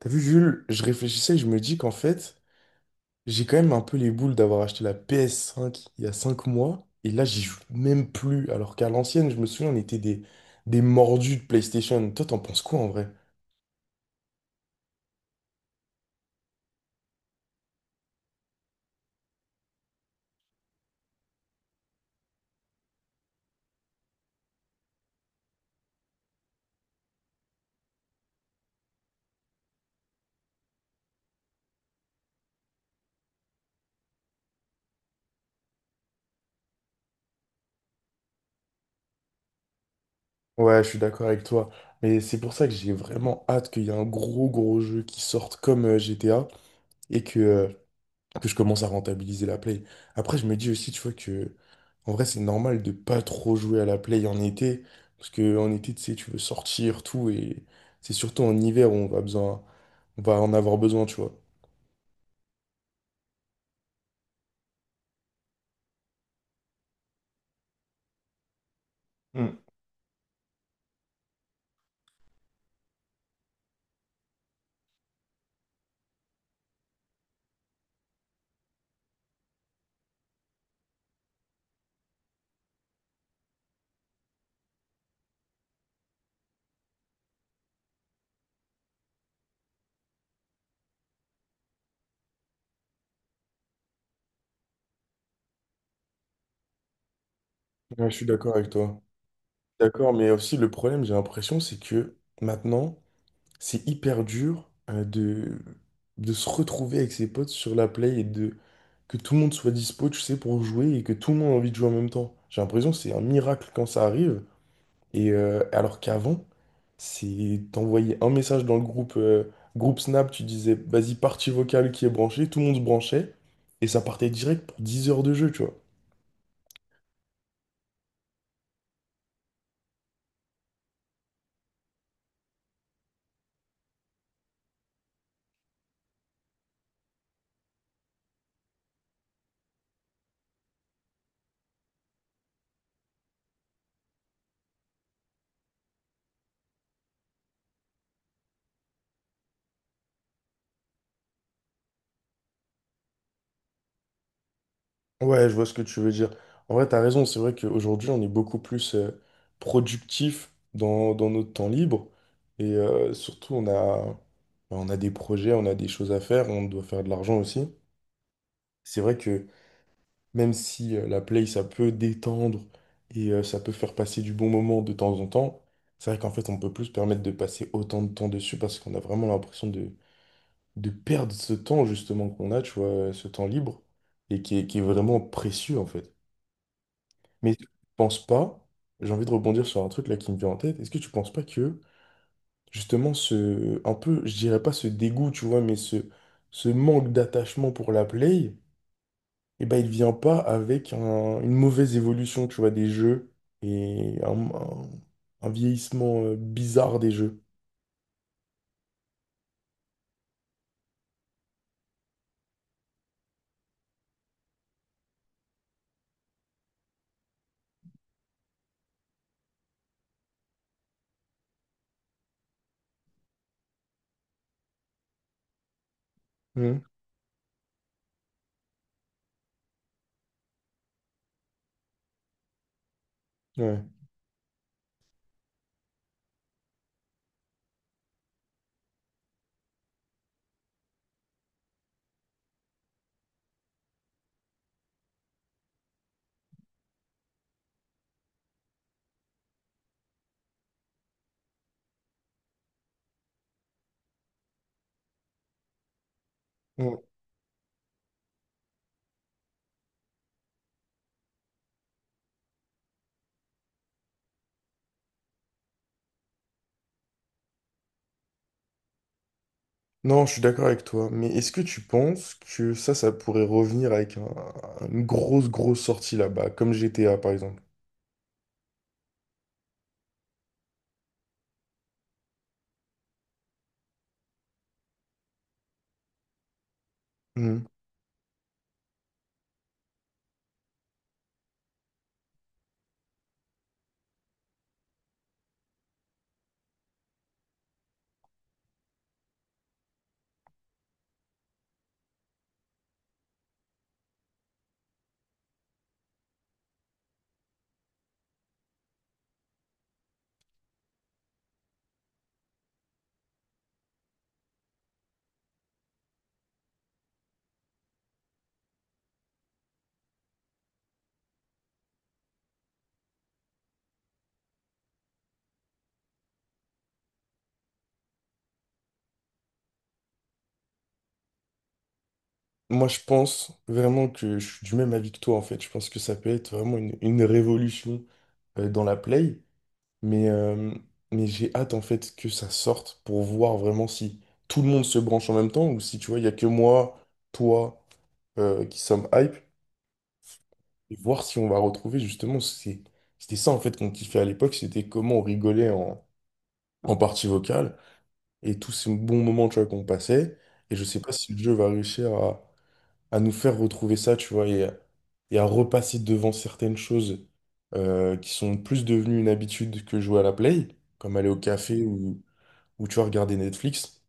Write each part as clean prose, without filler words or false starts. T'as vu, Jules, je réfléchissais et je me dis qu'en fait, j'ai quand même un peu les boules d'avoir acheté la PS5 il y a 5 mois, et là, j'y joue même plus, alors qu'à l'ancienne, je me souviens, on était des mordus de PlayStation. Toi, t'en penses quoi en vrai? Ouais, je suis d'accord avec toi, mais c'est pour ça que j'ai vraiment hâte qu'il y ait un gros, gros jeu qui sorte comme GTA, et que je commence à rentabiliser la Play. Après, je me dis aussi, tu vois, que en vrai, c'est normal de pas trop jouer à la play en été, parce que en été, tu sais, tu veux sortir, tout, et c'est surtout en hiver où on va en avoir besoin, tu vois. Hmm. Ouais, je suis d'accord avec toi. D'accord, mais aussi le problème, j'ai l'impression, c'est que maintenant, c'est hyper dur de se retrouver avec ses potes sur la play et de que tout le monde soit dispo, tu sais, pour jouer et que tout le monde a envie de jouer en même temps. J'ai l'impression que c'est un miracle quand ça arrive. Alors qu'avant, c'est t'envoyais un message dans le groupe, groupe Snap, tu disais vas-y partie vocale qui est branchée, tout le monde se branchait, et ça partait direct pour 10 heures de jeu, tu vois. Ouais, je vois ce que tu veux dire. En vrai, t'as raison, c'est vrai qu'aujourd'hui, on est beaucoup plus productif dans notre temps libre, et surtout, on a des projets, on a des choses à faire, on doit faire de l'argent aussi. C'est vrai que même si la play, ça peut détendre et ça peut faire passer du bon moment de temps en temps, c'est vrai qu'en fait, on peut plus se permettre de passer autant de temps dessus parce qu'on a vraiment l'impression de perdre ce temps justement qu'on a, tu vois, ce temps libre et qui est vraiment précieux en fait. Mais tu penses pas, j'ai envie de rebondir sur un truc là qui me vient en tête, est-ce que tu penses pas que justement ce, un peu, je dirais pas ce dégoût, tu vois, mais ce manque d'attachement pour la play, eh ben, il vient pas avec une mauvaise évolution, tu vois, des jeux et un vieillissement bizarre des jeux. Mhm. Ouais. Ouais. Non, je suis d'accord avec toi, mais est-ce que tu penses que ça pourrait revenir avec une grosse, grosse sortie là-bas, comme GTA par exemple? Mhm. Moi, je pense vraiment que je suis du même avis que toi, en fait. Je pense que ça peut être vraiment une révolution dans la play. Mais, euh, mais j'ai hâte en fait que ça sorte pour voir vraiment si tout le monde se branche en même temps ou si tu vois, il n'y a que moi, toi, qui sommes hype et voir si on va retrouver justement. C'était ça en fait qu'on kiffait à l'époque, c'était comment on rigolait en partie vocale et tous ces bons moments tu vois, qu'on passait. Et je sais pas si le jeu va réussir à nous faire retrouver ça, tu vois, et à repasser devant certaines choses qui sont plus devenues une habitude que jouer à la play, comme aller au café ou où tu vas regarder Netflix.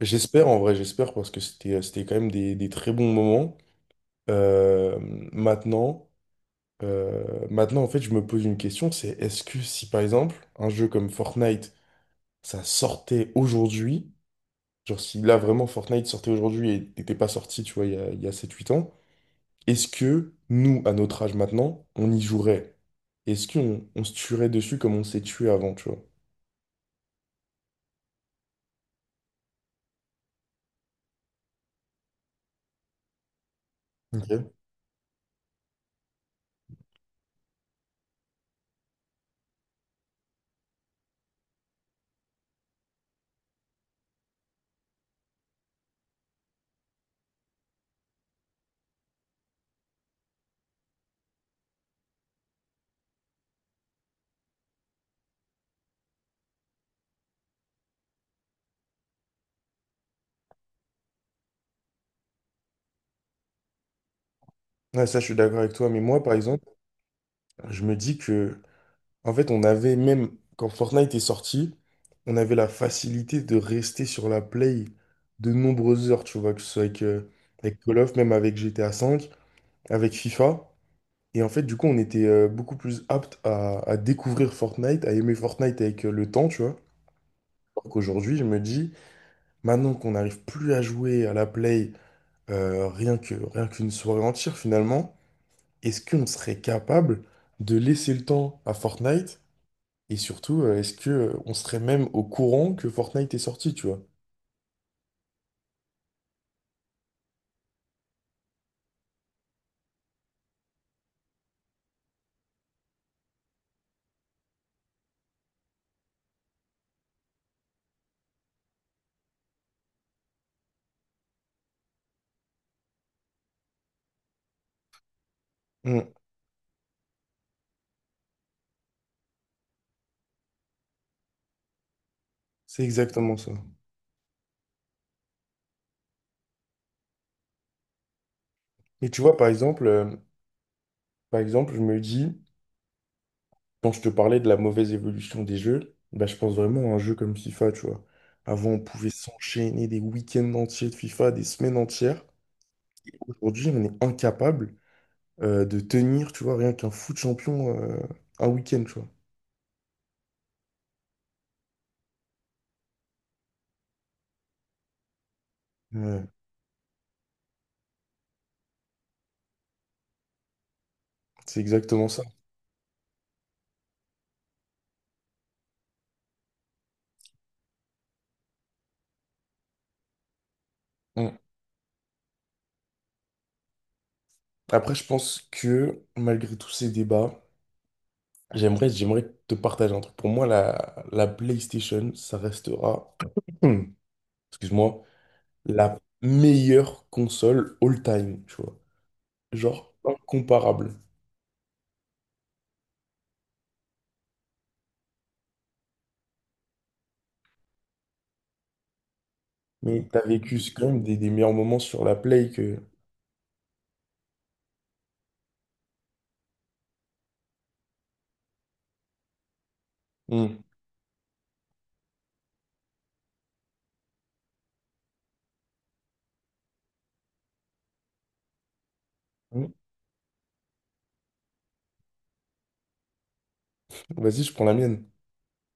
J'espère, en vrai, j'espère, parce que c'était quand même des très bons moments. Euh, maintenant, euh, maintenant, en fait, je me pose une question, c'est est-ce que si, par exemple, un jeu comme Fortnite, ça sortait aujourd'hui, genre si là, vraiment, Fortnite sortait aujourd'hui et n'était pas sorti, tu vois, il y a 7-8 ans, est-ce que nous, à notre âge maintenant, on y jouerait? Est-ce qu'on on se tuerait dessus comme on s'est tué avant, tu vois? Ok. Ouais, ça, je suis d'accord avec toi, mais moi, par exemple, je me dis que en fait, on avait même, quand Fortnite est sorti, on avait la facilité de rester sur la Play de nombreuses heures, tu vois, que ce soit avec Call of, même avec GTA V, avec FIFA. Et en fait, du coup, on était beaucoup plus apte à découvrir Fortnite, à aimer Fortnite avec le temps, tu vois. Alors qu'aujourd'hui, je me dis, maintenant qu'on n'arrive plus à jouer à la Play, rien qu'une soirée entière, finalement, est-ce qu'on serait capable de laisser le temps à Fortnite? Et surtout, est-ce que on serait même au courant que Fortnite est sorti, tu vois? Mm. C'est exactement ça. Et tu vois, par exemple, je me dis, quand je te parlais de la mauvaise évolution des jeux, bah, je pense vraiment à un jeu comme FIFA, tu vois. Avant, on pouvait s'enchaîner des week-ends entiers de FIFA, des semaines entières. Aujourd'hui, on est incapable de tenir, tu vois, rien qu'un foot champion un week-end, tu vois. Ouais, c'est exactement ça. Mm. Après, je pense que malgré tous ces débats, j'aimerais te partager un truc. Pour moi, la PlayStation, ça restera, excuse-moi, la meilleure console all-time, tu vois. Genre, incomparable. Mais t'as vécu quand même des meilleurs moments sur la Play que... Hmm. Hmm. Vas-y, je prends la mienne.